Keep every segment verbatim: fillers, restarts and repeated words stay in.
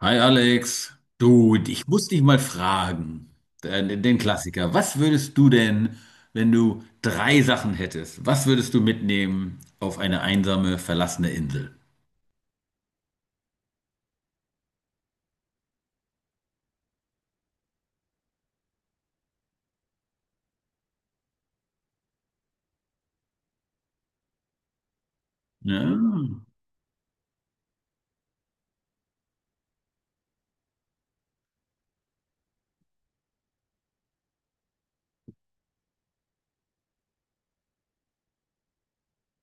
Hi Alex, du, ich muss dich mal fragen, den, den Klassiker. Was würdest du denn, wenn du drei Sachen hättest, was würdest du mitnehmen auf eine einsame, verlassene Insel? Ja,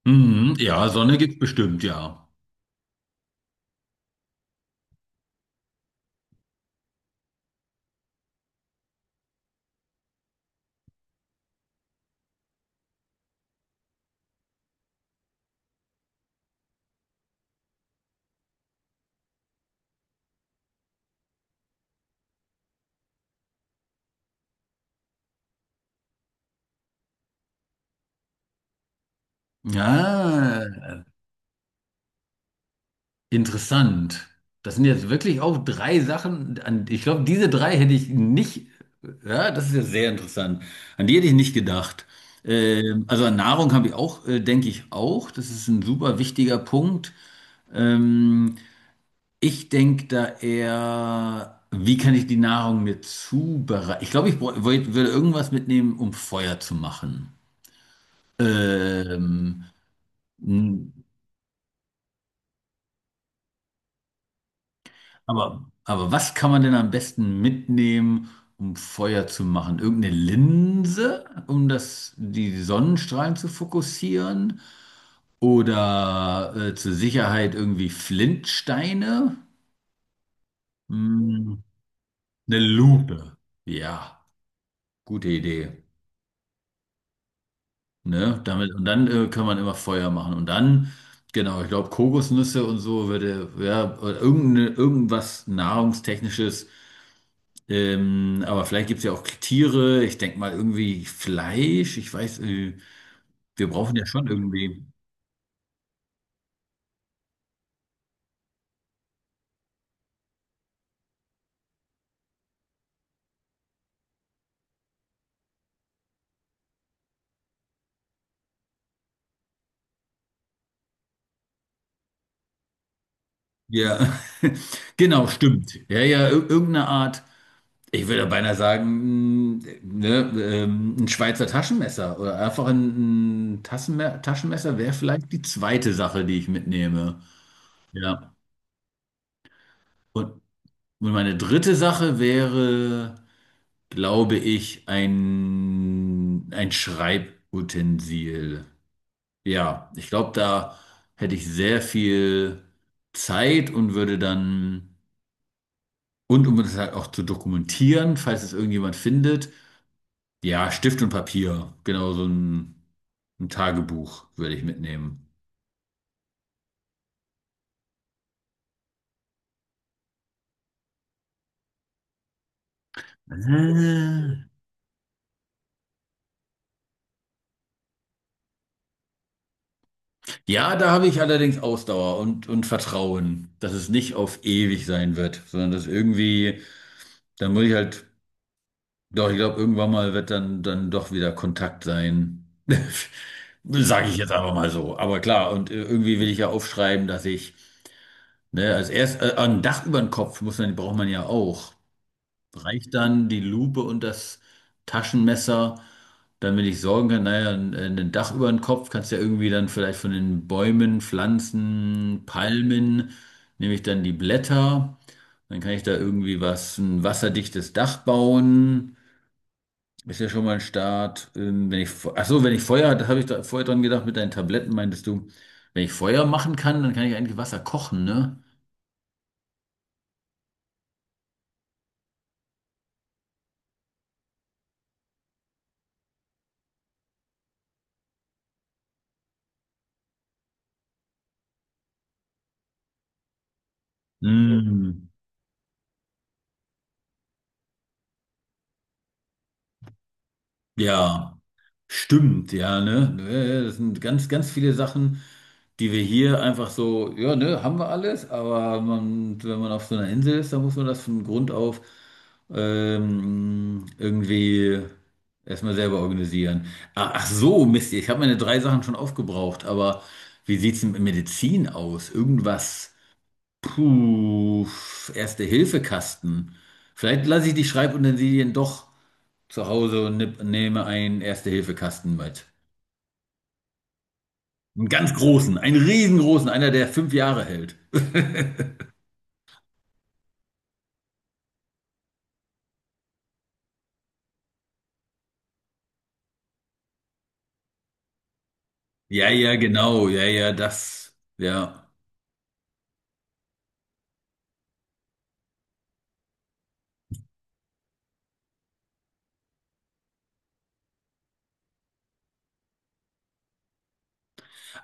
mhm, ja Sonne gibt's bestimmt, ja. Ja. Interessant. Das sind jetzt wirklich auch drei Sachen, an, ich glaube, diese drei hätte ich nicht, ja, das ist ja sehr interessant. An die hätte ich nicht gedacht. Ähm, also an Nahrung habe ich auch, äh, denke ich auch. Das ist ein super wichtiger Punkt. Ähm, Ich denke da eher, wie kann ich die Nahrung mir zubereiten? Ich glaube, ich bräu- wollt- würde irgendwas mitnehmen, um Feuer zu machen. Ähm, Aber, aber was kann man denn am besten mitnehmen, um Feuer zu machen? Irgendeine Linse, um das, die Sonnenstrahlen zu fokussieren? Oder äh, zur Sicherheit irgendwie Flintsteine? Hm, eine Lupe. Ja, gute Idee. Ne? Damit, und dann äh, kann man immer Feuer machen. Und dann, genau, ich glaube, Kokosnüsse und so würde, ja, oder irgendeine, irgendwas Nahrungstechnisches. Ähm, aber vielleicht gibt es ja auch Tiere. Ich denke mal irgendwie Fleisch. Ich weiß, äh, wir brauchen ja schon irgendwie. Ja, genau, stimmt. Ja, ja, ir- irgendeine Art. Ich würde beinahe sagen, mh, ne, ähm, ein Schweizer Taschenmesser oder einfach ein, ein Tassenme Taschenmesser wäre vielleicht die zweite Sache, die ich mitnehme. Ja. Und, und meine dritte Sache wäre, glaube ich, ein, ein Schreibutensil. Ja, ich glaube, da hätte ich sehr viel Zeit und würde dann, und um das halt auch zu dokumentieren, falls es irgendjemand findet, ja, Stift und Papier, genau so ein, ein Tagebuch würde ich mitnehmen. Ah. Ja, da habe ich allerdings Ausdauer und, und Vertrauen, dass es nicht auf ewig sein wird, sondern dass irgendwie, dann muss ich halt. Doch, ich glaube, irgendwann mal wird dann, dann doch wieder Kontakt sein. Sage ich jetzt einfach mal so. Aber klar, und äh, irgendwie will ich ja aufschreiben, dass ich, ne, als erst äh, ein Dach über den Kopf muss man, braucht man ja auch. Reicht dann die Lupe und das Taschenmesser, damit ich sorgen kann, naja, ein, ein Dach über den Kopf kannst du ja irgendwie dann vielleicht von den Bäumen, Pflanzen, Palmen, nehme ich dann die Blätter, dann kann ich da irgendwie was, ein wasserdichtes Dach bauen. Ist ja schon mal ein Start. Ähm, wenn ich, Fe- Ach so, wenn ich Feuer, das habe ich da vorher dran gedacht mit deinen Tabletten, meintest du, wenn ich Feuer machen kann, dann kann ich eigentlich Wasser kochen, ne? Ja. Mm, ja. Stimmt, ja, ne? Ja, ja. Das sind ganz, ganz viele Sachen, die wir hier einfach so, ja, ne, haben wir alles, aber man, wenn man auf so einer Insel ist, dann muss man das von Grund auf ähm, irgendwie erstmal selber organisieren. Ach, ach so, Mist, ich habe meine drei Sachen schon aufgebraucht, aber wie sieht's denn mit Medizin aus? Irgendwas, puh, Erste-Hilfe-Kasten. Vielleicht lasse ich die Schreibutensilien doch zu Hause und nipp- nehme einen Erste-Hilfe-Kasten mit. Einen ganz großen, einen riesengroßen, einer, der fünf Jahre hält. Ja, ja, genau, ja, ja, das, ja.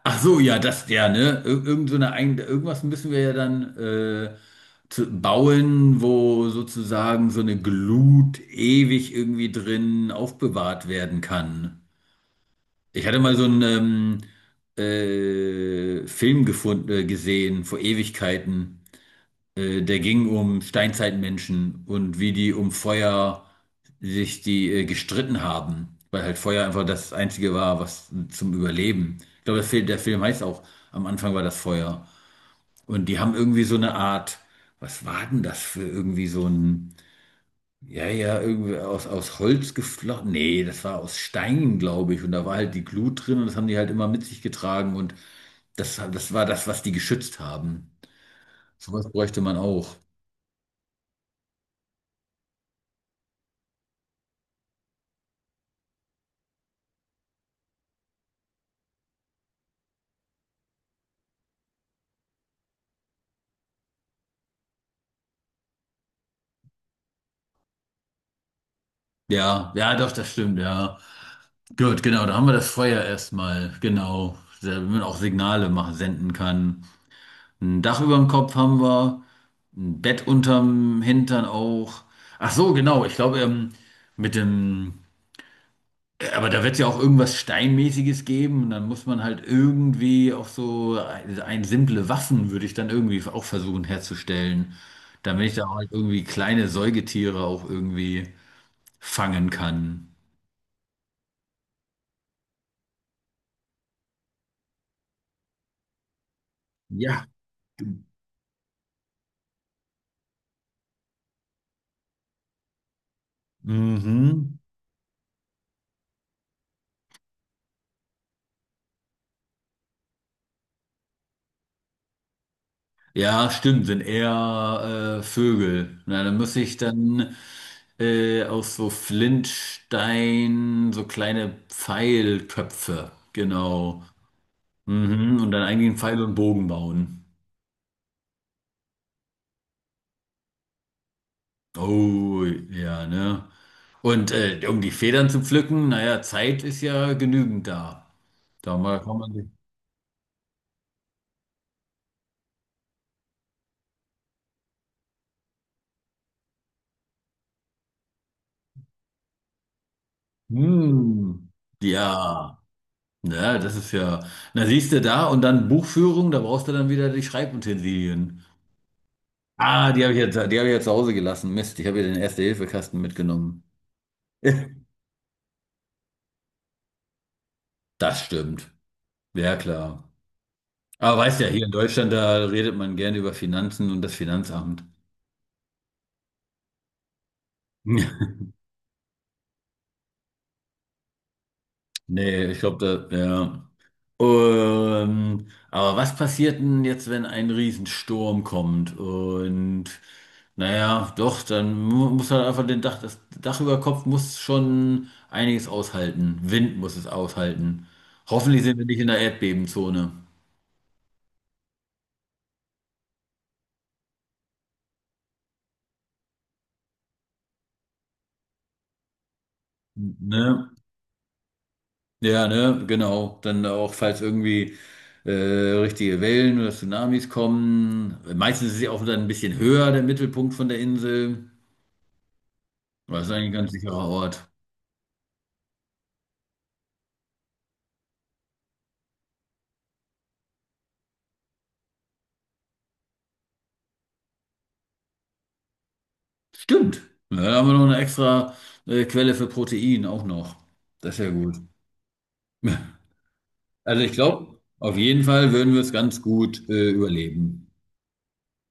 Ach so, ja, das, ja, ne? Ir irgend so eine, Ein- irgendwas müssen wir ja dann äh, zu bauen, wo sozusagen so eine Glut ewig irgendwie drin aufbewahrt werden kann. Ich hatte mal so einen ähm, äh, Film gefunden, äh, gesehen vor Ewigkeiten. Äh, der ging um Steinzeitmenschen und wie die um Feuer sich die äh, gestritten haben, weil halt Feuer einfach das Einzige war, was zum Überleben. Ich glaube, der Film, der Film heißt auch, am Anfang war das Feuer. Und die haben irgendwie so eine Art, was war denn das für irgendwie so ein, ja, ja, irgendwie aus, aus Holz geflochten. Nee, das war aus Steinen, glaube ich. Und da war halt die Glut drin und das haben die halt immer mit sich getragen und das, das war das, was die geschützt haben. Sowas bräuchte man auch. Ja, ja, doch, das stimmt, ja. Gut, genau, da haben wir das Feuer erstmal, genau, damit man auch Signale machen, senden kann. Ein Dach über dem Kopf haben wir, ein Bett unterm Hintern auch. Ach so, genau, ich glaube, ähm, mit dem, aber da wird ja auch irgendwas Steinmäßiges geben und dann muss man halt irgendwie auch so ein, ein simple Waffen würde ich dann irgendwie auch versuchen herzustellen, damit ich da halt irgendwie kleine Säugetiere auch irgendwie fangen kann. Ja. Mhm. Ja, stimmt, sind eher äh, Vögel. Na, dann muss ich dann äh, aus so Flintstein so kleine Pfeilköpfe, genau. Mhm. Und dann eigentlich einen Pfeil und Bogen bauen. Oh, ja, ne? Und äh, um die Federn zu pflücken, naja, Zeit ist ja genügend da. Da mal kann man sich. Hm. Ja. Ne, das ist ja. Na, siehst du da und dann Buchführung, da brauchst du dann wieder die Schreibutensilien. Ah, die habe ich jetzt, die habe ich jetzt zu Hause gelassen. Mist, ich habe ja den Erste-Hilfe-Kasten mitgenommen. Das stimmt. Ja, klar. Aber weißt ja, hier in Deutschland, da redet man gerne über Finanzen und das Finanzamt. Nee, ich glaube, da, ja. Ähm, aber was passiert denn jetzt, wenn ein Riesensturm kommt? Und naja, doch, dann mu- muss halt einfach den Dach, das Dach über Kopf muss schon einiges aushalten. Wind muss es aushalten. Hoffentlich sind wir nicht in der Erdbebenzone. Ne? Ja, ne, genau. Dann auch, falls irgendwie äh, richtige Wellen oder Tsunamis kommen. Meistens ist sie auch dann ein bisschen höher, der Mittelpunkt von der Insel. Das ist eigentlich ein ganz sicherer Ort. Stimmt. Ja, da haben wir noch eine extra äh, Quelle für Protein auch noch. Das ist ja gut. Also ich glaube, auf jeden Fall würden wir es ganz gut äh, überleben.